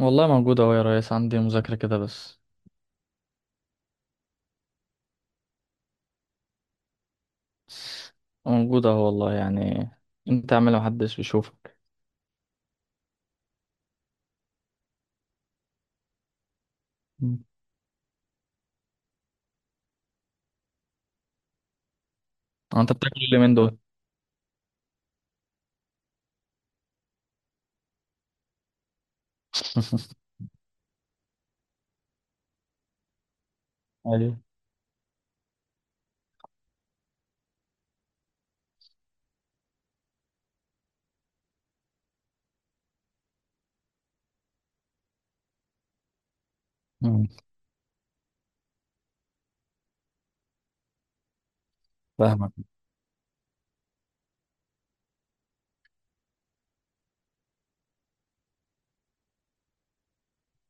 والله موجود اهو يا ريس، عندي مذاكرة كده بس. موجود اهو والله يعني. انت اعمل محدش بيشوفك. مم. اه، انت بتاكل اللي من دول؟ ايوه. مم. فاهمك.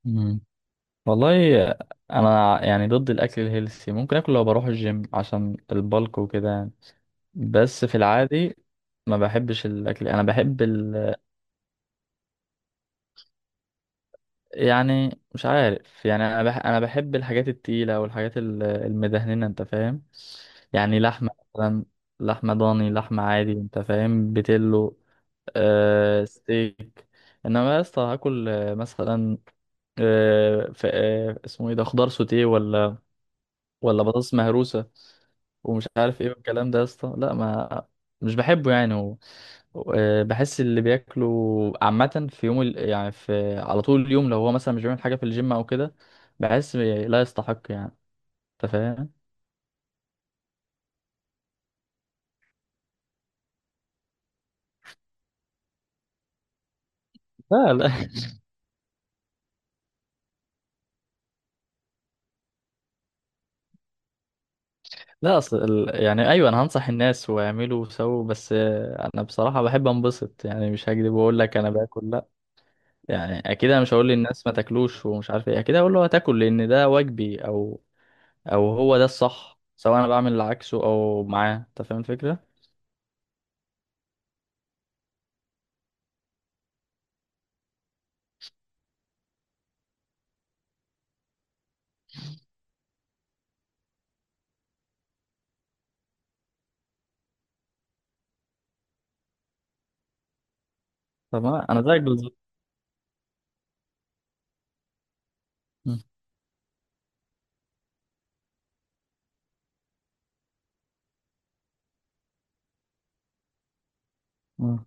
مم. والله، انا يعني ضد الاكل الهيلثي. ممكن اكل لو بروح الجيم عشان البلك وكده يعني. بس في العادي ما بحبش الاكل. انا بحب يعني، مش عارف يعني. انا بحب الحاجات التقيله والحاجات المدهننه، انت فاهم؟ يعني لحمه مثلا، لحمه ضاني، لحمه عادي، انت فاهم؟ بتلو، آه، ستيك. انما يا اسطى هاكل مثلا اسمه ايه ده، خضار سوتيه، ولا بطاطس مهروسه ومش عارف ايه والكلام ده، يا اسطى. لا ما مش بحبه يعني. بحس اللي بياكلوا عامة في يعني في على طول اليوم، لو هو مثلا مش بيعمل حاجة في الجيم او كده، بحس لا يستحق يعني. انت فاهم؟ لا لا. لا، اصل يعني ايوه، انا هنصح الناس، واعملوا وسووا، بس آه، انا بصراحة بحب انبسط. يعني مش هكدب واقول لك انا باكل، لا. يعني اكيد انا مش هقول للناس ما تاكلوش ومش عارف ايه. اكيد هقول له هتاكل، لان ده واجبي، او او هو ده الصح، سواء انا بعمل اللي عكسه او معاه. انت فاهم الفكره؟ طب انا زيك بالظبط. مم. مم.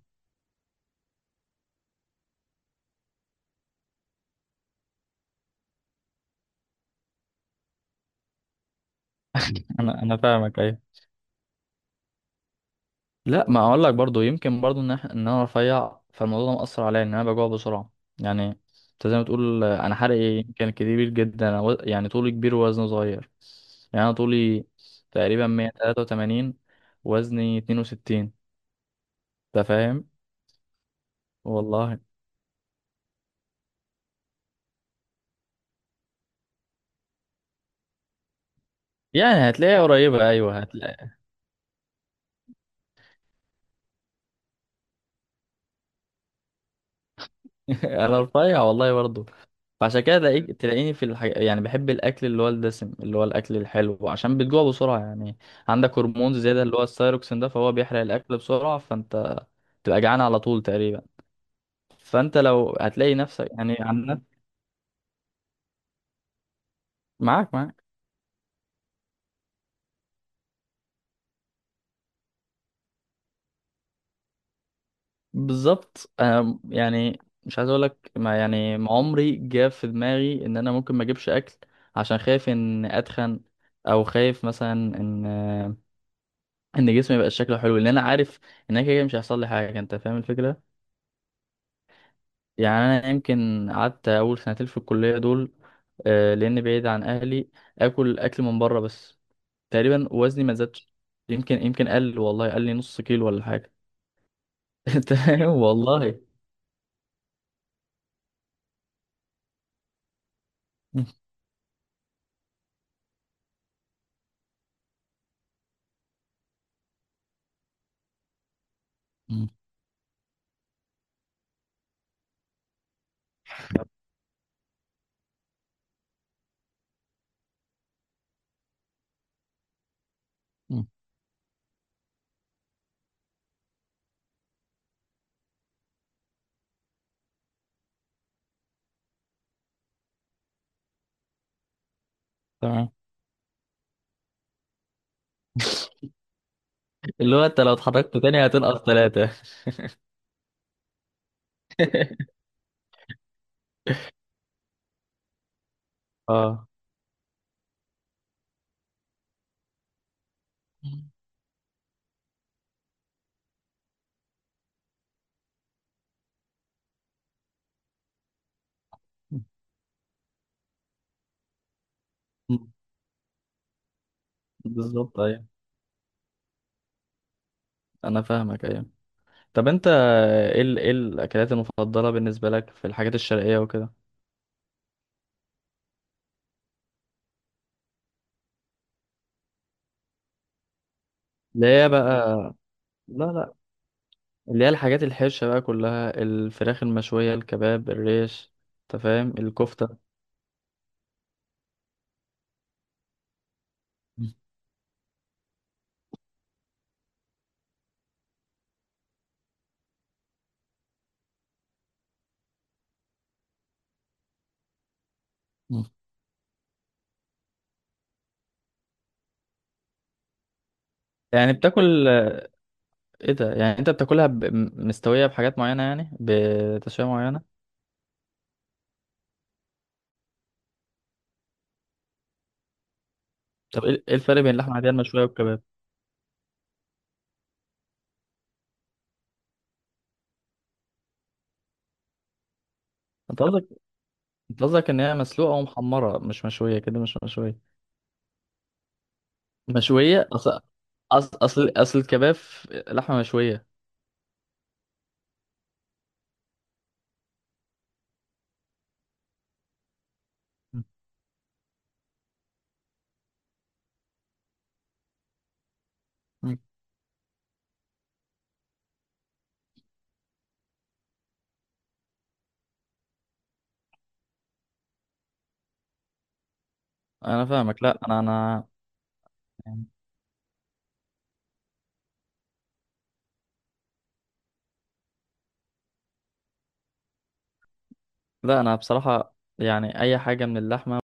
انا فاهمك، ايوه. لا، ما اقول لك برضو، يمكن برضو ان ان انا رفيع، فالموضوع ده مأثر عليا، ان انا بجوع بسرعه يعني. انت زي ما تقول، آه، انا حرقي إيه؟ يمكن كبير جدا. أنا يعني طولي كبير ووزني صغير. يعني انا طولي تقريبا 183، وزني 62. انت فاهم؟ والله. يعني هتلاقيها قريبه، ايوه هتلاقي. انا رفيع والله برضو. فعشان كده تلاقيك تلاقيني في يعني بحب الاكل اللي هو الدسم، اللي هو الاكل الحلو، عشان بتجوع بسرعه يعني. عندك هرمون زياده، اللي هو الثايروكسين ده، فهو بيحرق الاكل بسرعه، فانت تبقى جعان على طول تقريبا. فانت لو هتلاقي نفسك، يعني عن معاك بالظبط. انا يعني مش عايز اقول لك، ما يعني ما عمري جه في دماغي ان انا ممكن ما اجيبش اكل عشان خايف ان اتخن، او خايف مثلا ان ان جسمي يبقى شكله حلو، لان انا عارف ان انا كده كده مش هيحصل لي حاجه. انت فاهم الفكره؟ يعني انا يمكن قعدت اول سنتين في الكليه دول، آه، لان بعيد عن اهلي، اكل من بره بس، تقريبا وزني ما زادش. يمكن قل، والله قل لي نص كيلو ولا حاجه. انت فاهم والله. م- م- م. تمام. اللي هو انت لو اتحركت تاني هتنقص ثلاثه. اه، بالظبط ايوه. انا فاهمك، ايوه. طب انت ايه ايه الاكلات المفضله بالنسبه لك في الحاجات الشرقيه وكده؟ اللي هي بقى، لا لا، اللي هي الحاجات الحرشه بقى كلها، الفراخ المشويه، الكباب، الريش، انت فاهم، الكفته. مم. مم. يعني بتاكل ايه ده، يعني انت بتاكلها مستويه بحاجات معينه، يعني بتسويه معينه؟ طب ايه ايه الفرق بين اللحمه العاديه المشويه والكباب؟ انت قصدك انت قصدك ان هي مسلوقه ومحمره، مش مشويه كده، مش مشويه؟ مشويه؟ اصل أصل الكباب لحمه مشويه. انا فاهمك. لا انا انا لا انا بصراحة يعني اي حاجة من اللحمة.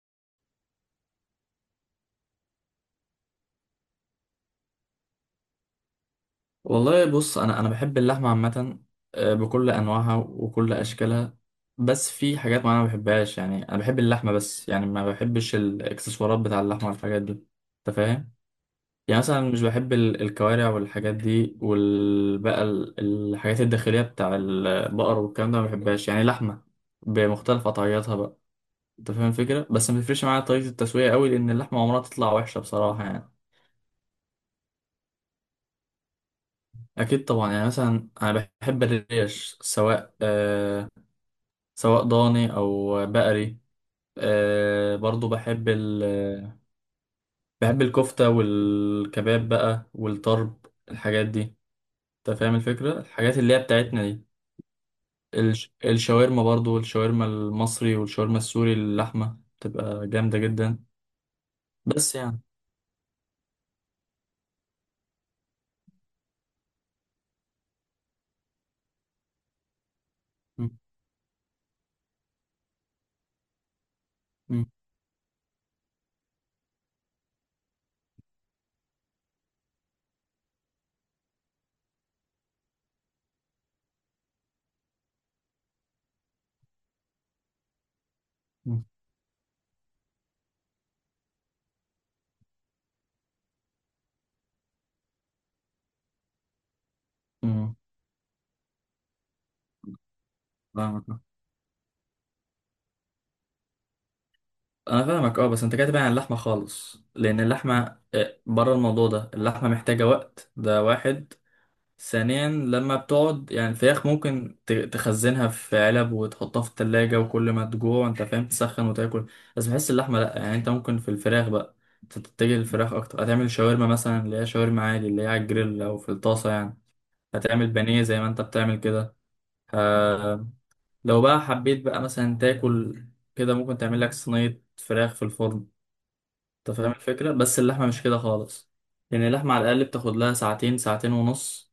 والله بص، انا بحب اللحمه عامه، آه، بكل انواعها وكل اشكالها، بس في حاجات معينه ما بحبهاش. يعني انا بحب اللحمه، بس يعني ما بحبش الاكسسوارات بتاع اللحمه والحاجات دي، انت فاهم؟ يعني مثلا مش بحب الكوارع والحاجات دي، والبقى الحاجات الداخليه بتاع البقر والكلام ده ما بحبهاش. يعني لحمه بمختلف قطعياتها بقى، انت فاهم الفكره. بس ما بيفرقش معايا طريقه التسويه قوي، لان اللحمه عمرها تطلع وحشه بصراحه يعني. اكيد طبعا. يعني مثلا انا بحب الريش، سواء آه، سواء ضاني او بقري. آه، برضو بحب ال بحب الكفته والكباب بقى والطرب، الحاجات دي، انت فاهم الفكره، الحاجات اللي هي بتاعتنا دي. الشاورما برضو، الشاورما المصري والشاورما السوري، اللحمه بتبقى جامده جدا بس يعني. م- م- م- م. فاهمك. انا فاهمك، اه. بس انت كاتب عن اللحمه خالص، لان اللحمه، آه، بره الموضوع ده، اللحمه محتاجه وقت، ده واحد. ثانيا، لما بتقعد يعني، الفراخ ممكن تخزنها في علب وتحطها في التلاجة، وكل ما تجوع انت فاهم، تسخن وتاكل. بس بحس اللحمه لا. يعني انت ممكن في الفراخ بقى تتجه للفراخ اكتر، هتعمل شاورما مثلا، اللي هي شاورما عادي، اللي هي على الجريل او في الطاسه يعني. هتعمل بانيه زي ما انت بتعمل كده. آه، لو بقى حبيت بقى مثلا تاكل كده، ممكن تعمل لك صينيه فراخ في الفرن. انت فاهم الفكرة. بس اللحمة مش كده خالص، لأن اللحمة على الأقل بتاخد لها ساعتين، ساعتين ونص،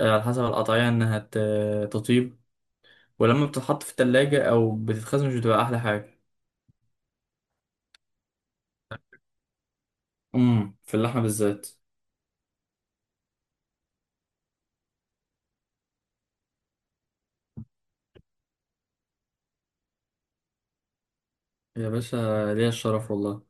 آه، على حسب القطعية إنها تطيب. ولما بتتحط في التلاجة أو بتتخزن مش بتبقى أحلى حاجة. أمم، في اللحمة بالذات. يا باشا، ليا الشرف والله.